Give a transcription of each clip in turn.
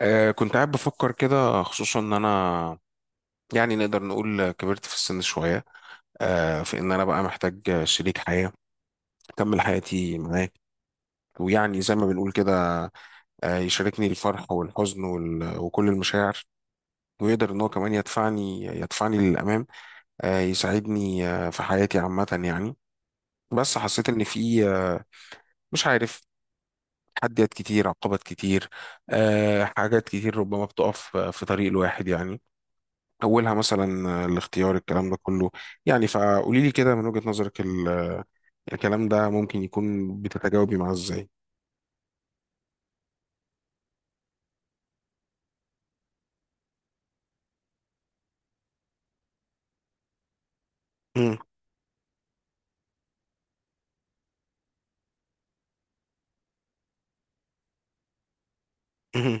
كنت قاعد بفكر كده، خصوصا ان انا يعني نقدر نقول كبرت في السن شوية. في ان انا بقى محتاج شريك حياة اكمل حياتي معاه، ويعني زي ما بنقول كده، يشاركني الفرح والحزن وكل المشاعر، ويقدر ان هو كمان يدفعني للامام، يساعدني في حياتي عامة يعني. بس حسيت ان في مش عارف، تحديات كتير عقبات كتير، حاجات كتير ربما بتقف في طريق الواحد يعني. أولها مثلا الاختيار، الكلام ده كله. يعني فقولي لي كده من وجهة نظرك، الكلام ده ممكن يكون بتتجاوبي معاه إزاي؟ مم، مم،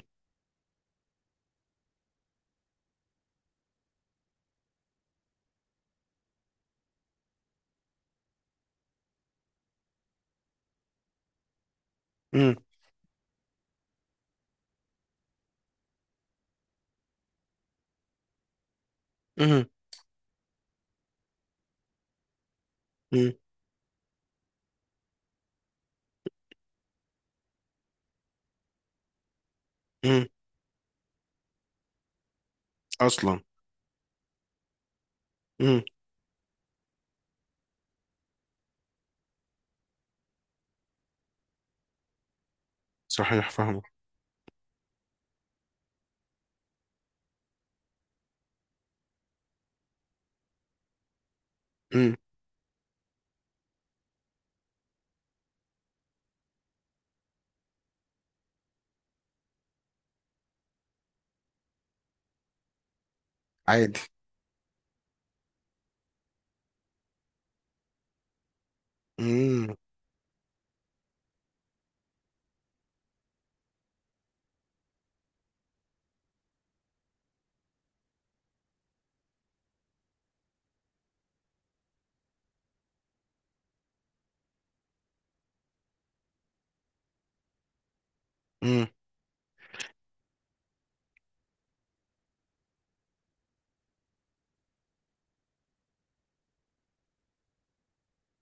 مم، مم، مم، مم. أصلا. مم، صحيح فاهمة. مم، عادي. مم، مم،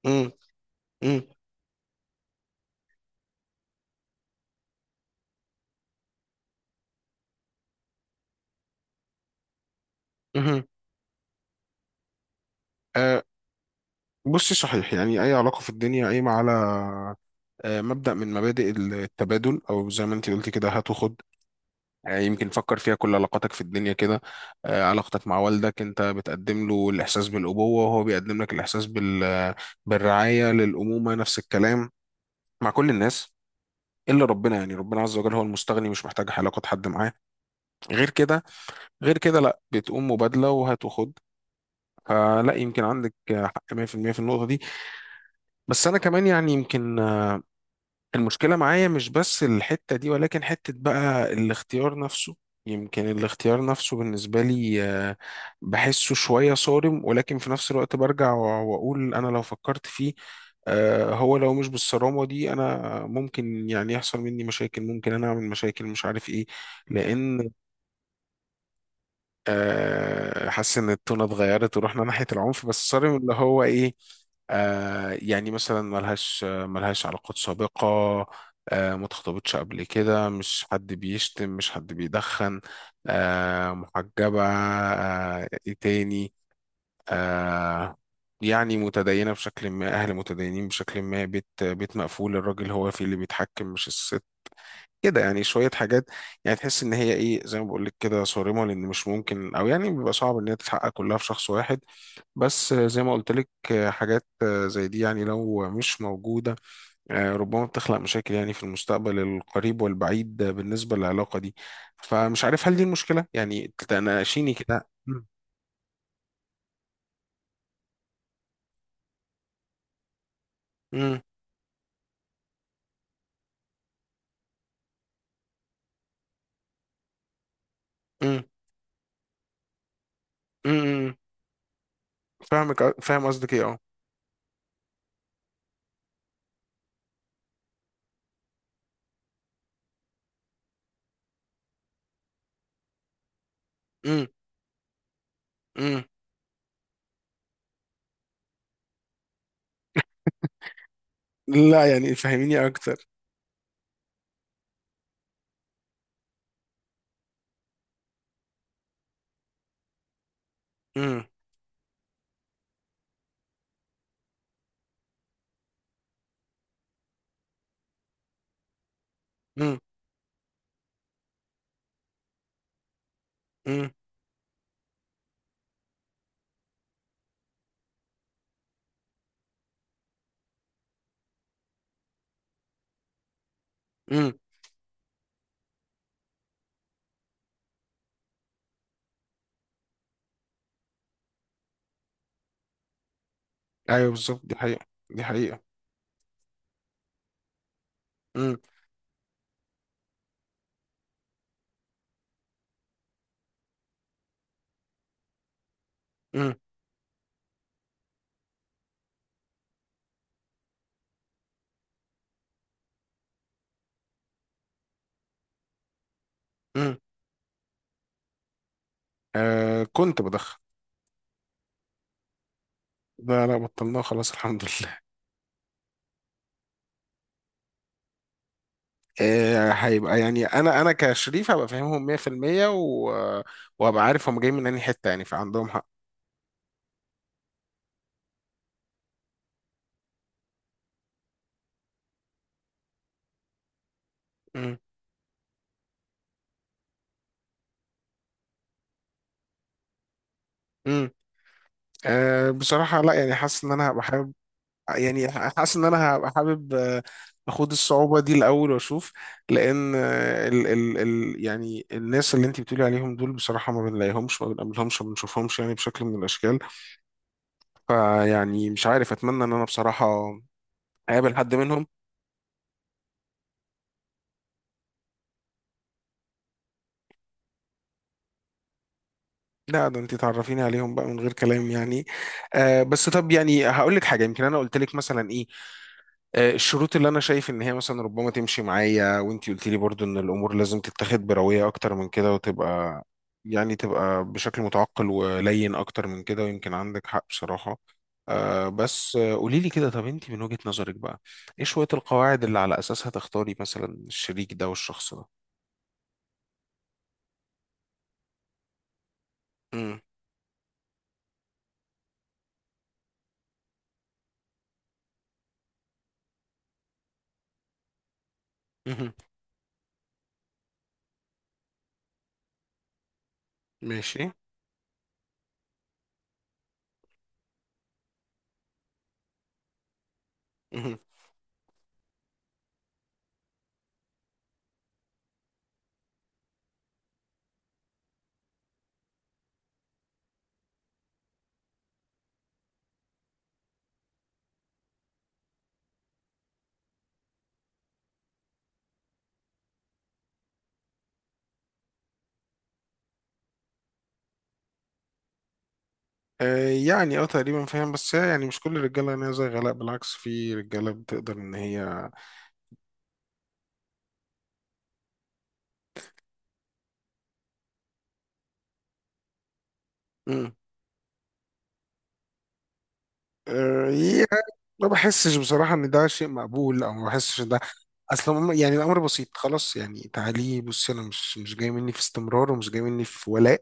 مم، مم، مم. آه، بصي، صحيح، يعني أي علاقة في الدنيا قايمة على مبدأ من مبادئ التبادل، أو زي ما أنت قلتي كده، هات وخد. يعني يمكن فكر فيها، كل علاقاتك في الدنيا كده. علاقتك مع والدك، انت بتقدم له الاحساس بالابوه، وهو بيقدم لك الاحساس بالرعايه للامومه، نفس الكلام مع كل الناس. الا ربنا، يعني ربنا عز وجل هو المستغني، مش محتاج علاقه حد معاه غير كده. غير كده لا، بتقوم مبادله وهات وخد. فلا، يمكن عندك حق 100% في المية، في النقطه دي. بس انا كمان يعني يمكن المشكلة معايا مش بس الحتة دي، ولكن حتة بقى الاختيار نفسه. يمكن الاختيار نفسه بالنسبة لي بحسه شوية صارم، ولكن في نفس الوقت برجع وأقول أنا لو فكرت فيه هو لو مش بالصرامة دي، أنا ممكن يعني يحصل مني مشاكل، ممكن أنا أعمل مشاكل مش عارف إيه، لأن حاسس ان التونة اتغيرت ورحنا ناحية العنف. بس صارم اللي هو ايه؟ يعني مثلا ملهاش علاقات سابقة، ما اتخطبتش قبل كده، مش حد بيشتم، مش حد بيدخن، محجبة. ايه تاني؟ آه يعني متدينة بشكل ما، أهل متدينين بشكل ما، بيت بيت مقفول، الراجل هو فيه اللي بيتحكم مش الست. كده يعني شوية حاجات. يعني تحس إن هي إيه، زي ما بقول لك كده، صارمة، لأن مش ممكن، أو يعني بيبقى صعب إن هي تتحقق كلها في شخص واحد. بس زي ما قلت لك، حاجات زي دي يعني لو مش موجودة، ربما بتخلق مشاكل يعني في المستقبل القريب والبعيد بالنسبة للعلاقة دي. فمش عارف، هل دي المشكلة يعني تناقشيني كده؟ مم. مم. مم. مم. فاهم قصدك إيه، أه. مم. مم. لا يعني فهميني أكتر. مم. مم. مم. مم. ايوه بالظبط، دي حقيقة دي حقيقة. امم. امم. امم. كنت بدخن. لا لا، بطلناه خلاص الحمد لله. هيبقى يعني، انا كشريف هبقى فاهمهم 100%، و... وهبقى عارف هم جايين من انهي حتة، يعني فعندهم حق. امم. امم. بصراحة لا، يعني حاسس ان انا هبقى حابب، يعني حاسس ان انا هبقى حابب، اخد الصعوبة دي الاول واشوف. لان ال ال ال يعني الناس اللي انت بتقولي عليهم دول، بصراحة ما بنلاقيهمش ما بنقابلهمش ما بنشوفهمش يعني بشكل من الاشكال. فيعني مش عارف، اتمنى ان انا بصراحة اقابل حد منهم. لا، ده انت تعرفيني عليهم بقى من غير كلام يعني. بس طب يعني هقول لك حاجة، يمكن انا قلت لك مثلا ايه، الشروط اللي انا شايف ان هي مثلا ربما تمشي معايا، وانت قلت لي برضو ان الامور لازم تتاخد بروية اكتر من كده وتبقى، يعني تبقى بشكل متعقل ولين اكتر من كده، ويمكن عندك حق بصراحة. بس قولي لي كده، طب انت من وجهة نظرك بقى، ايه شوية القواعد اللي على اساسها تختاري مثلا الشريك ده والشخص ده؟ امم. ماشي. مهم. يعني اه تقريبا فاهم، بس هي يعني مش كل الرجاله غنيه زي غلاء، بالعكس في رجاله بتقدر ان هي. مم. يعني ما بحسش بصراحه ان ده شيء مقبول، او ما بحسش ان ده اصلا يعني الامر بسيط، خلاص يعني تعالي بصي، انا مش جاي مني في استمرار ومش جاي مني في ولاء.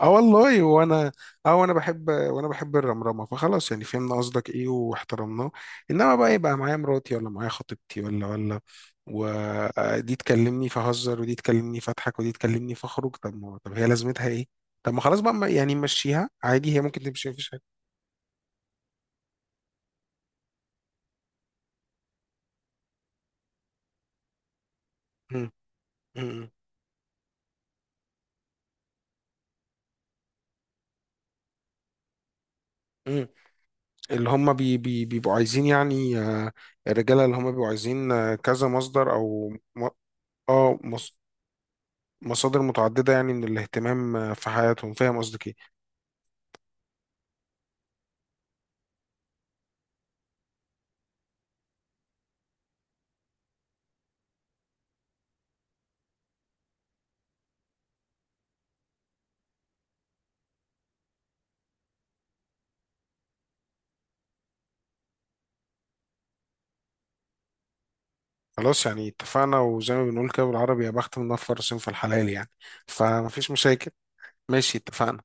اه والله، وانا. اه وانا بحب، وانا بحب الرمرمه، فخلاص يعني فهمنا قصدك ايه واحترمناه. انما بقى يبقى معايا مراتي، ولا معايا خطيبتي، ولا ولا ودي تكلمني فهزر، ودي تكلمني فاضحك، ودي تكلمني فاخرج. طب ما، طب هي لازمتها ايه؟ طب ما خلاص بقى، يعني مشيها عادي هي ممكن تمشي مفيش حاجه. مم. مم. مم. اللي هم بي بي بيبقوا عايزين يعني، الرجاله اللي هم بيبقوا عايزين كذا مصدر او اه مص- مصادر متعدده يعني من الاهتمام في حياتهم. فاهم قصدك إيه؟ خلاص يعني اتفقنا، وزي ما بنقول كده بالعربي، يا بخت من نفر في الحلال يعني، فمفيش مشاكل. ماشي، اتفقنا.